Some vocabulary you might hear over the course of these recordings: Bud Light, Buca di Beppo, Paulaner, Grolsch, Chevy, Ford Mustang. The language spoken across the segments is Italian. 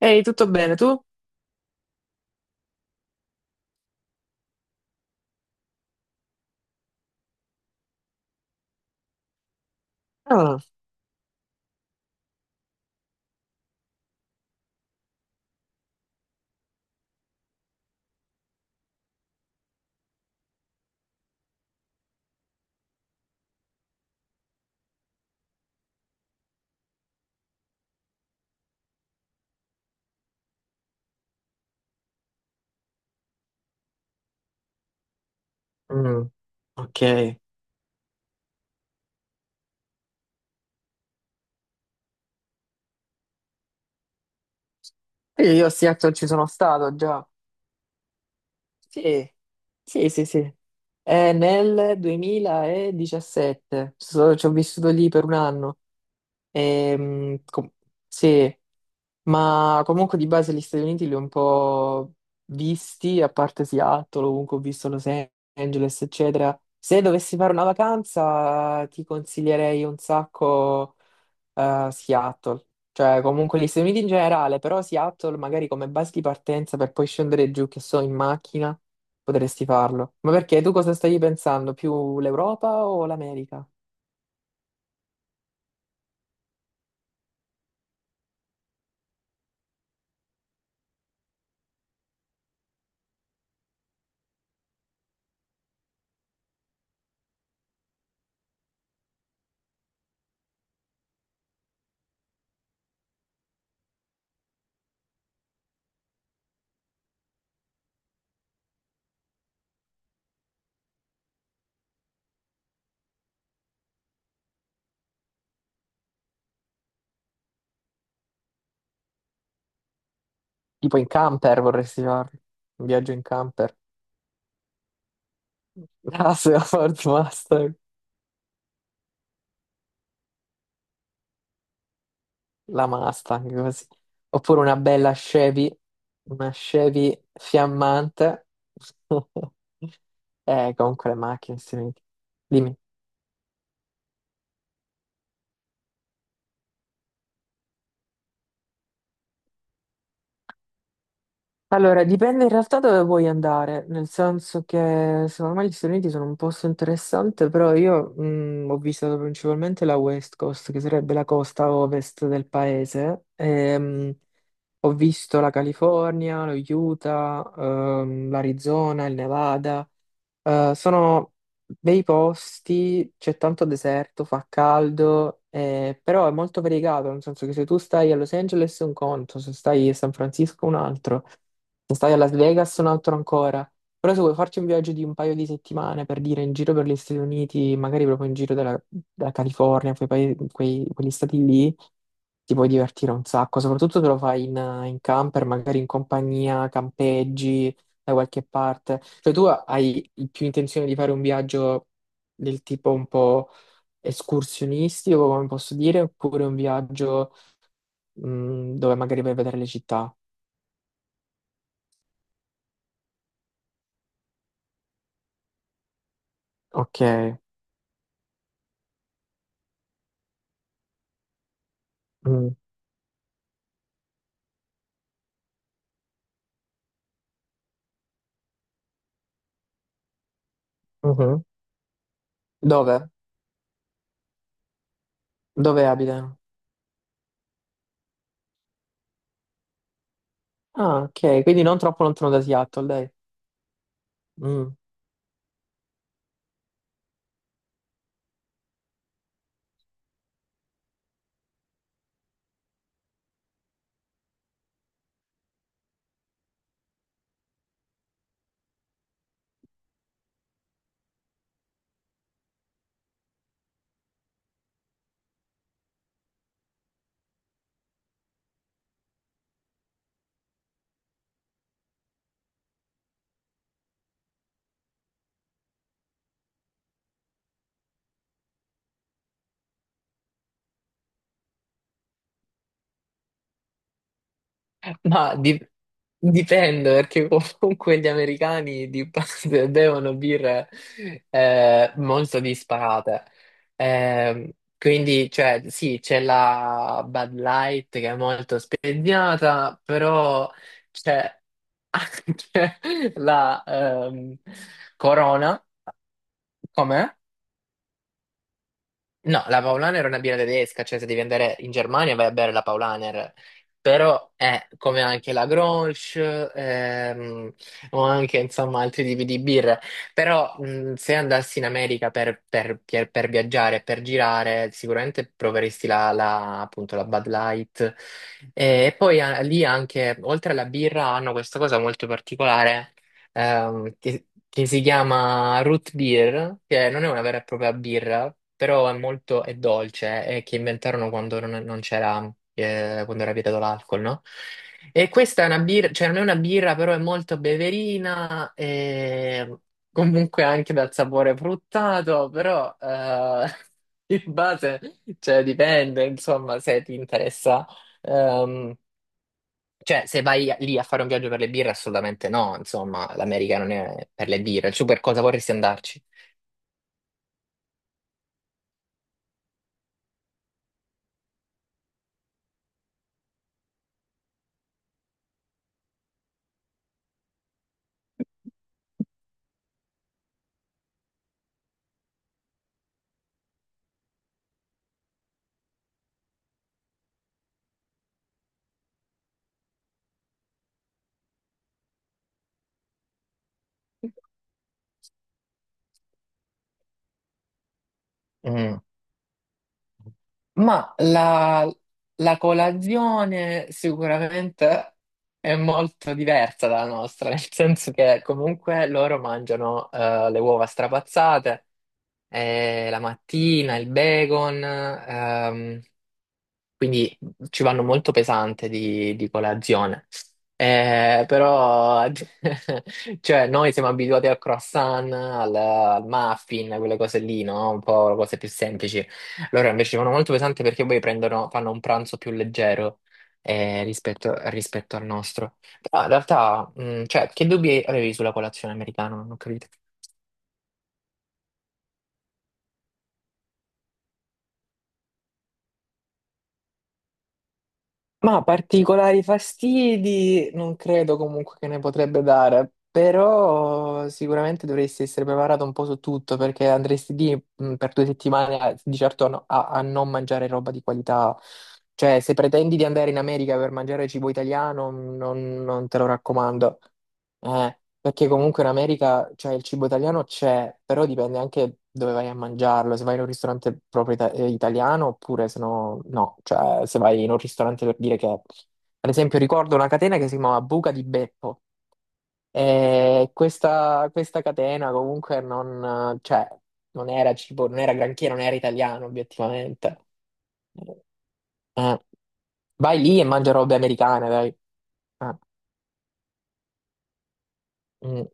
Ehi, tutto bene, tu? Ah, mm, ok. Io a Seattle ci sono stato già. Sì, sì, sì, sì. È nel 2017. Ci ho vissuto lì per un anno. Ehm, com- sì, ma comunque di base gli Stati Uniti li ho un po' visti, a parte Seattle, ovunque ho visto Los Angeles, eccetera. Se dovessi fare una vacanza, ti consiglierei un sacco. Seattle, cioè comunque gli Stati Uniti in generale, però Seattle magari come base di partenza per poi scendere giù, che so, in macchina, potresti farlo. Ma perché tu cosa stavi pensando? Più l'Europa o l'America? Tipo in camper vorresti farlo? Un viaggio in camper? Ah, se La Ford Mustang, la Mustang così. Oppure una bella Chevy, una Chevy fiammante. Comunque le macchine, Stati Uniti. Dimmi. Allora, dipende in realtà dove vuoi andare, nel senso che secondo me gli Stati Uniti sono un posto interessante, però io ho visitato principalmente la West Coast, che sarebbe la costa ovest del paese. Ho visto la California, lo Utah, l'Arizona, il Nevada. Sono bei posti, c'è tanto deserto, fa caldo, però è molto variegato, nel senso che se tu stai a Los Angeles è un conto, se stai a San Francisco è un altro, se stai a Las Vegas è un altro ancora. Però se vuoi farci un viaggio di un paio di settimane per dire in giro per gli Stati Uniti, magari proprio in giro della California, quegli stati lì, ti puoi divertire un sacco, soprattutto se lo fai in camper, magari in compagnia, campeggi da qualche parte. Cioè tu hai più intenzione di fare un viaggio del tipo un po' escursionistico, come posso dire, oppure un viaggio dove magari vai a vedere le città. Ok. Mm. Mhm. Dove? Dove abita? Ah, ok, quindi non troppo lontano da Seattle, dai. Mm. Ma dipende perché comunque gli americani di base bevono birre molto disparate. Ehm, quindi, cioè, sì, c'è la Bud Light che è molto spegnata, però c'è anche la Corona, com'è? No, la Paulaner è una birra tedesca, cioè se devi andare in Germania vai a bere la Paulaner, però è come anche la Grolsch ehm, o anche insomma altri tipi di birra, però se andassi in America per viaggiare, per girare, sicuramente proveresti appunto la Bud Light e, poi lì anche, oltre alla birra, hanno questa cosa molto particolare che si chiama root beer, che non è una vera e propria birra, però è molto è dolce e che inventarono quando non c'era, quando era vietato l'alcol, no? E questa è una birra, cioè non è una birra, però è molto beverina e comunque anche dal sapore fruttato, però in base, cioè dipende, insomma, se ti interessa. Ehm, cioè, se vai lì a fare un viaggio per le birre, assolutamente no, insomma, l'America non è per le birre. Su per cosa vorresti andarci? Mm. Ma la colazione sicuramente è molto diversa dalla nostra, nel senso che comunque loro mangiano le uova strapazzate, la mattina il bacon, quindi ci vanno molto pesante di colazione. Però, cioè, noi siamo abituati al croissant, al muffin, quelle cose lì, no? Un po' cose più semplici. Loro invece ci vanno molto pesanti perché poi prendono, fanno un pranzo più leggero rispetto al nostro. Però in realtà, cioè, che dubbi avevi sulla colazione americana? Non ho capito. Ma particolari fastidi non credo comunque che ne potrebbe dare, però sicuramente dovresti essere preparato un po' su tutto perché andresti lì per 2 settimane di certo a, no- a- a non mangiare roba di qualità. Cioè, se pretendi di andare in America per mangiare cibo italiano, non te lo raccomando. Perché comunque in America, cioè, il cibo italiano c'è, però dipende anche dove vai a mangiarlo, se vai in un ristorante proprio italiano oppure se no, no, cioè se vai in un ristorante per dire che, ad esempio, ricordo una catena che si chiamava Buca di Beppo e questa catena comunque non era cibo, non era granché, non era italiano obiettivamente. Eh, vai lì e mangia robe americane, dai. Eh, mm.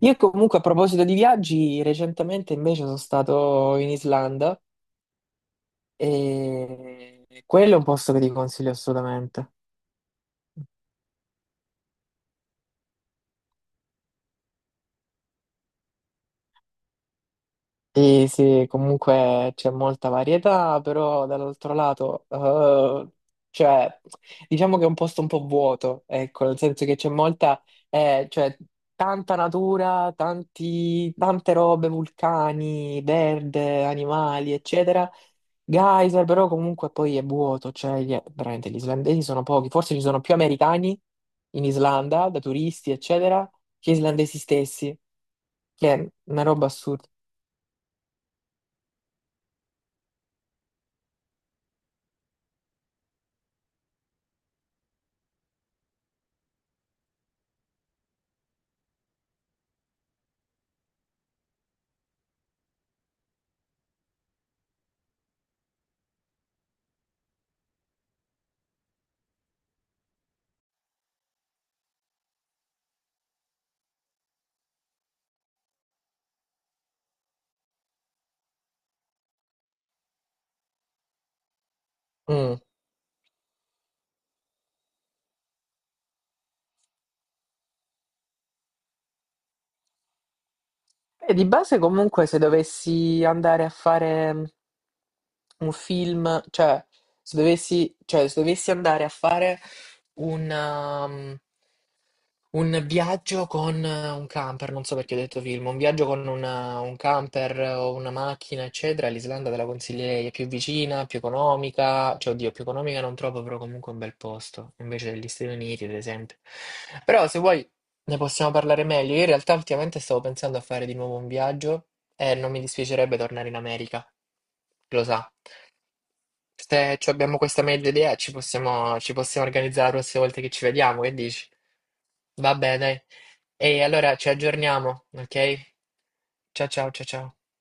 Io comunque a proposito di viaggi, recentemente invece sono stato in Islanda e quello è un posto che ti consiglio assolutamente. Sì, sì, comunque c'è molta varietà, però dall'altro lato, cioè, diciamo che è un posto un po' vuoto, ecco, nel senso che c'è molta, cioè, tanta natura, tanti, tante robe, vulcani, verde, animali, eccetera. Geyser, però comunque poi è vuoto, cioè, veramente gli islandesi sono pochi, forse ci sono più americani in Islanda, da turisti, eccetera, che islandesi stessi, che è una roba assurda. Mm. E di base comunque se dovessi andare a fare un film, cioè, se dovessi andare a fare un, um, un viaggio con un camper, non so perché ho detto film, un viaggio con un camper o una macchina, eccetera, l'Islanda te la consiglierei, è più vicina, più economica, cioè oddio, più economica non trovo, però comunque è un bel posto, invece degli Stati Uniti, ad esempio. Però se vuoi. Ne possiamo parlare meglio. Io in realtà ultimamente stavo pensando a fare di nuovo un viaggio e non mi dispiacerebbe tornare in America, lo sa. Se ci abbiamo questa meglio idea ci possiamo organizzare la prossima volta che ci vediamo, che dici? Va bene. Dai. E allora ci aggiorniamo, ok? Ciao ciao ciao ciao.